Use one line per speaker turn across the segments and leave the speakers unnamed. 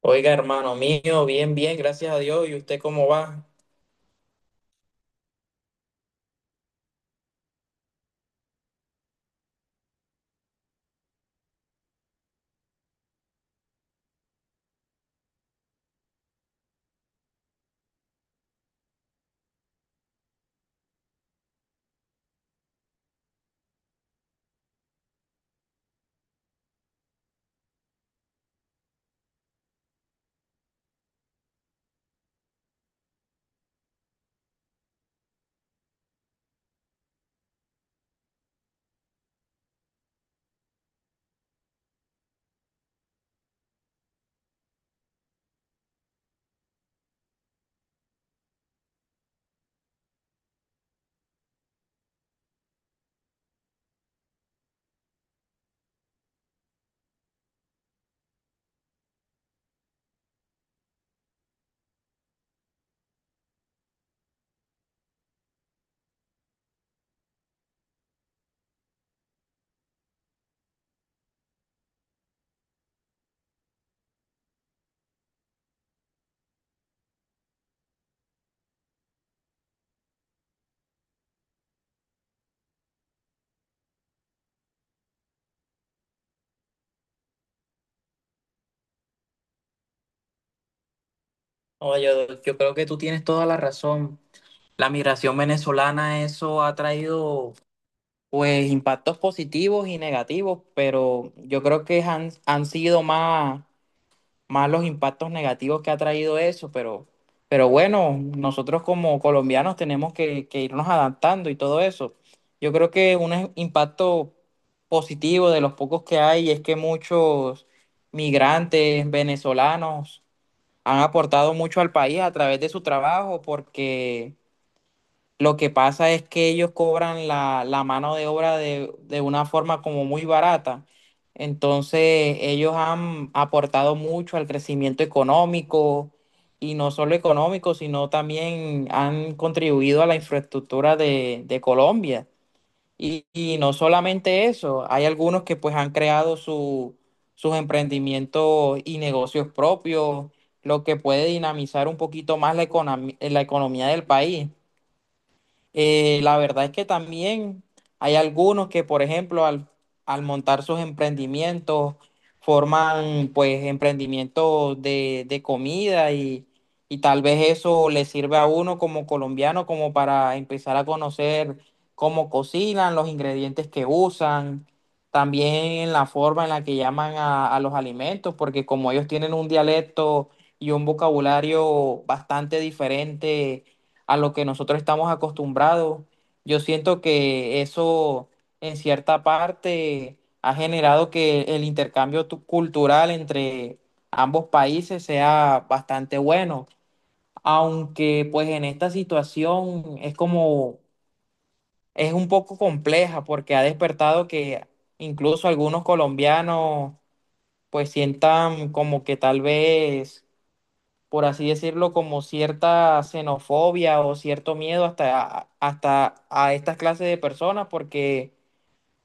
Oiga, hermano mío, bien, bien, gracias a Dios. ¿Y usted cómo va? Oye, yo creo que tú tienes toda la razón. La migración venezolana, eso ha traído pues impactos positivos y negativos, pero yo creo que han sido más los impactos negativos que ha traído eso, pero bueno, nosotros como colombianos tenemos que irnos adaptando y todo eso. Yo creo que un impacto positivo de los pocos que hay es que muchos migrantes venezolanos han aportado mucho al país a través de su trabajo, porque lo que pasa es que ellos cobran la mano de obra de una forma como muy barata. Entonces, ellos han aportado mucho al crecimiento económico, y no solo económico, sino también han contribuido a la infraestructura de Colombia. Y no solamente eso, hay algunos que pues han creado sus emprendimientos y negocios propios, lo que puede dinamizar un poquito más la la economía del país. La verdad es que también hay algunos que, por ejemplo, al montar sus emprendimientos, forman pues emprendimientos de comida, y tal vez eso le sirve a uno como colombiano como para empezar a conocer cómo cocinan, los ingredientes que usan, también la forma en la que llaman a los alimentos, porque como ellos tienen un dialecto y un vocabulario bastante diferente a lo que nosotros estamos acostumbrados. Yo siento que eso en cierta parte ha generado que el intercambio cultural entre ambos países sea bastante bueno, aunque pues en esta situación es como, es un poco compleja, porque ha despertado que incluso algunos colombianos pues sientan como que tal vez, por así decirlo, como cierta xenofobia o cierto miedo hasta, hasta a estas clases de personas, porque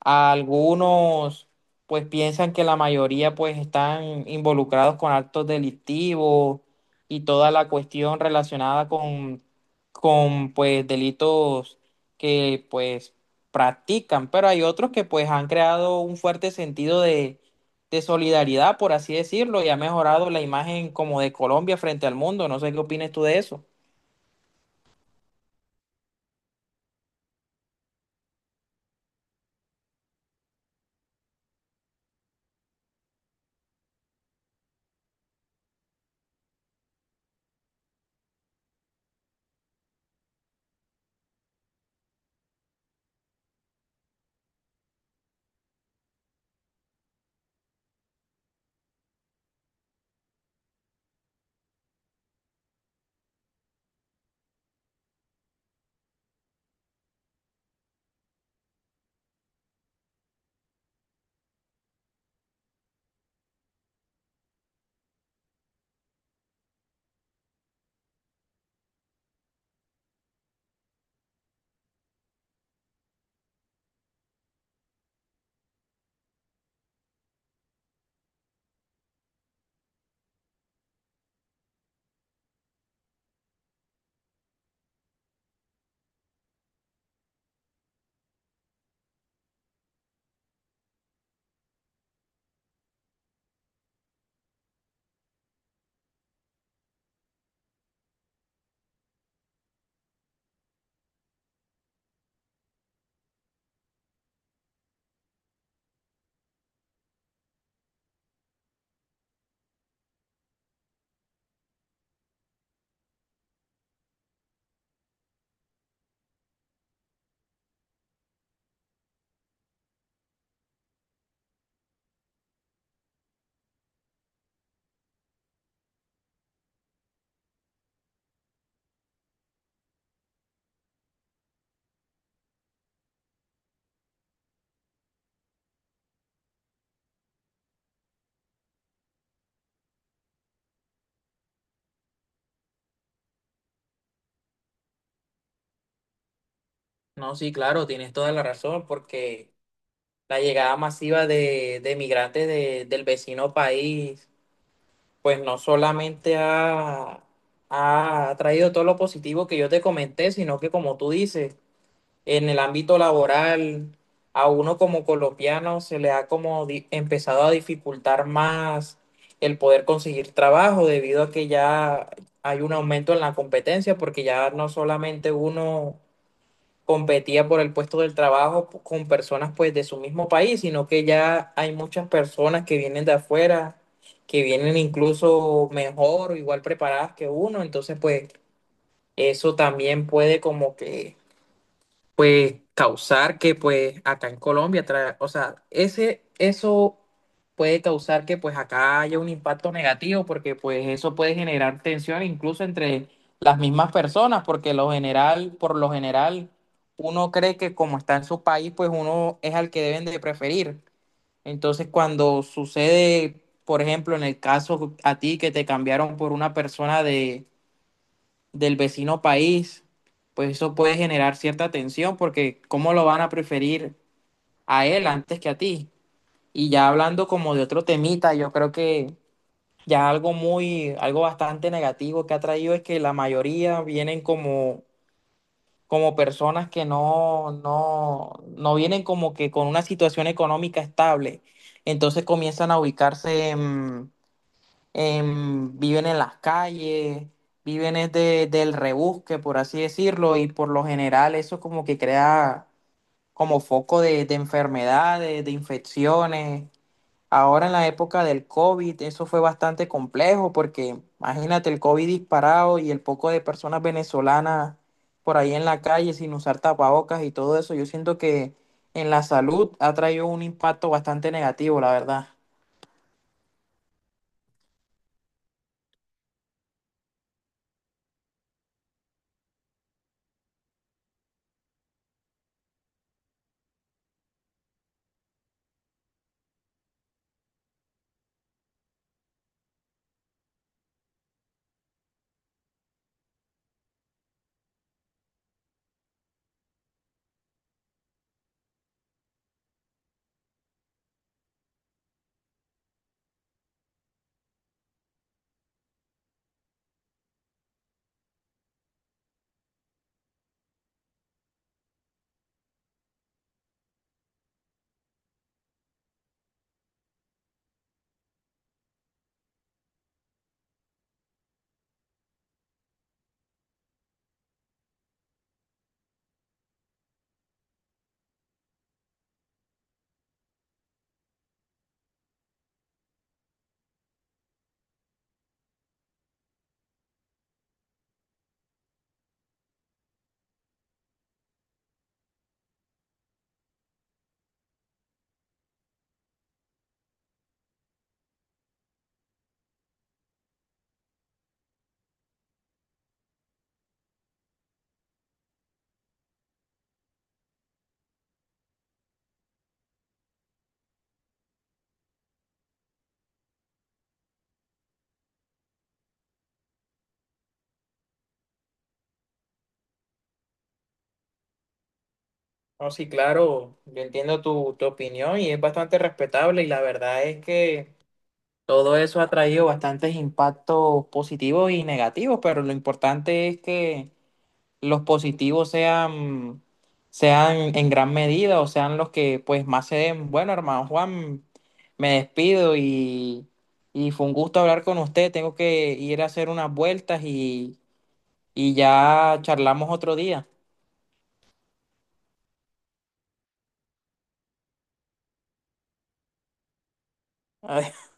algunos pues piensan que la mayoría pues están involucrados con actos delictivos y toda la cuestión relacionada con pues delitos que pues practican, pero hay otros que pues han creado un fuerte sentido de solidaridad, por así decirlo, y ha mejorado la imagen como de Colombia frente al mundo. No sé qué opinas tú de eso. No, sí, claro, tienes toda la razón, porque la llegada masiva de migrantes del vecino país, pues no solamente ha traído todo lo positivo que yo te comenté, sino que, como tú dices, en el ámbito laboral, a uno como colombiano se le ha empezado a dificultar más el poder conseguir trabajo, debido a que ya hay un aumento en la competencia, porque ya no solamente uno competía por el puesto del trabajo con personas pues de su mismo país, sino que ya hay muchas personas que vienen de afuera, que vienen incluso mejor o igual preparadas que uno. Entonces pues eso también puede como que pues causar que pues acá en Colombia, o sea, eso puede causar que pues acá haya un impacto negativo, porque pues eso puede generar tensión incluso entre las mismas personas, porque por lo general uno cree que como está en su país pues uno es al que deben de preferir. Entonces cuando sucede, por ejemplo, en el caso a ti que te cambiaron por una persona de del vecino país, pues eso puede generar cierta tensión, porque cómo lo van a preferir a él antes que a ti. Y ya hablando como de otro temita, yo creo que ya algo bastante negativo que ha traído es que la mayoría vienen como, como personas que no, no, no vienen como que con una situación económica estable. Entonces comienzan a ubicarse en viven en las calles, viven es del rebusque, por así decirlo, y por lo general eso como que crea como foco de enfermedades, de infecciones. Ahora en la época del COVID eso fue bastante complejo, porque imagínate el COVID disparado y el poco de personas venezolanas por ahí en la calle sin usar tapabocas y todo eso. Yo siento que en la salud ha traído un impacto bastante negativo, la verdad. No, sí, claro, yo entiendo tu opinión y es bastante respetable, y la verdad es que todo eso ha traído bastantes impactos positivos y negativos, pero lo importante es que los positivos sean en gran medida o sean los que pues más se den. Bueno, hermano Juan, me despido, y fue un gusto hablar con usted. Tengo que ir a hacer unas vueltas, y ya charlamos otro día.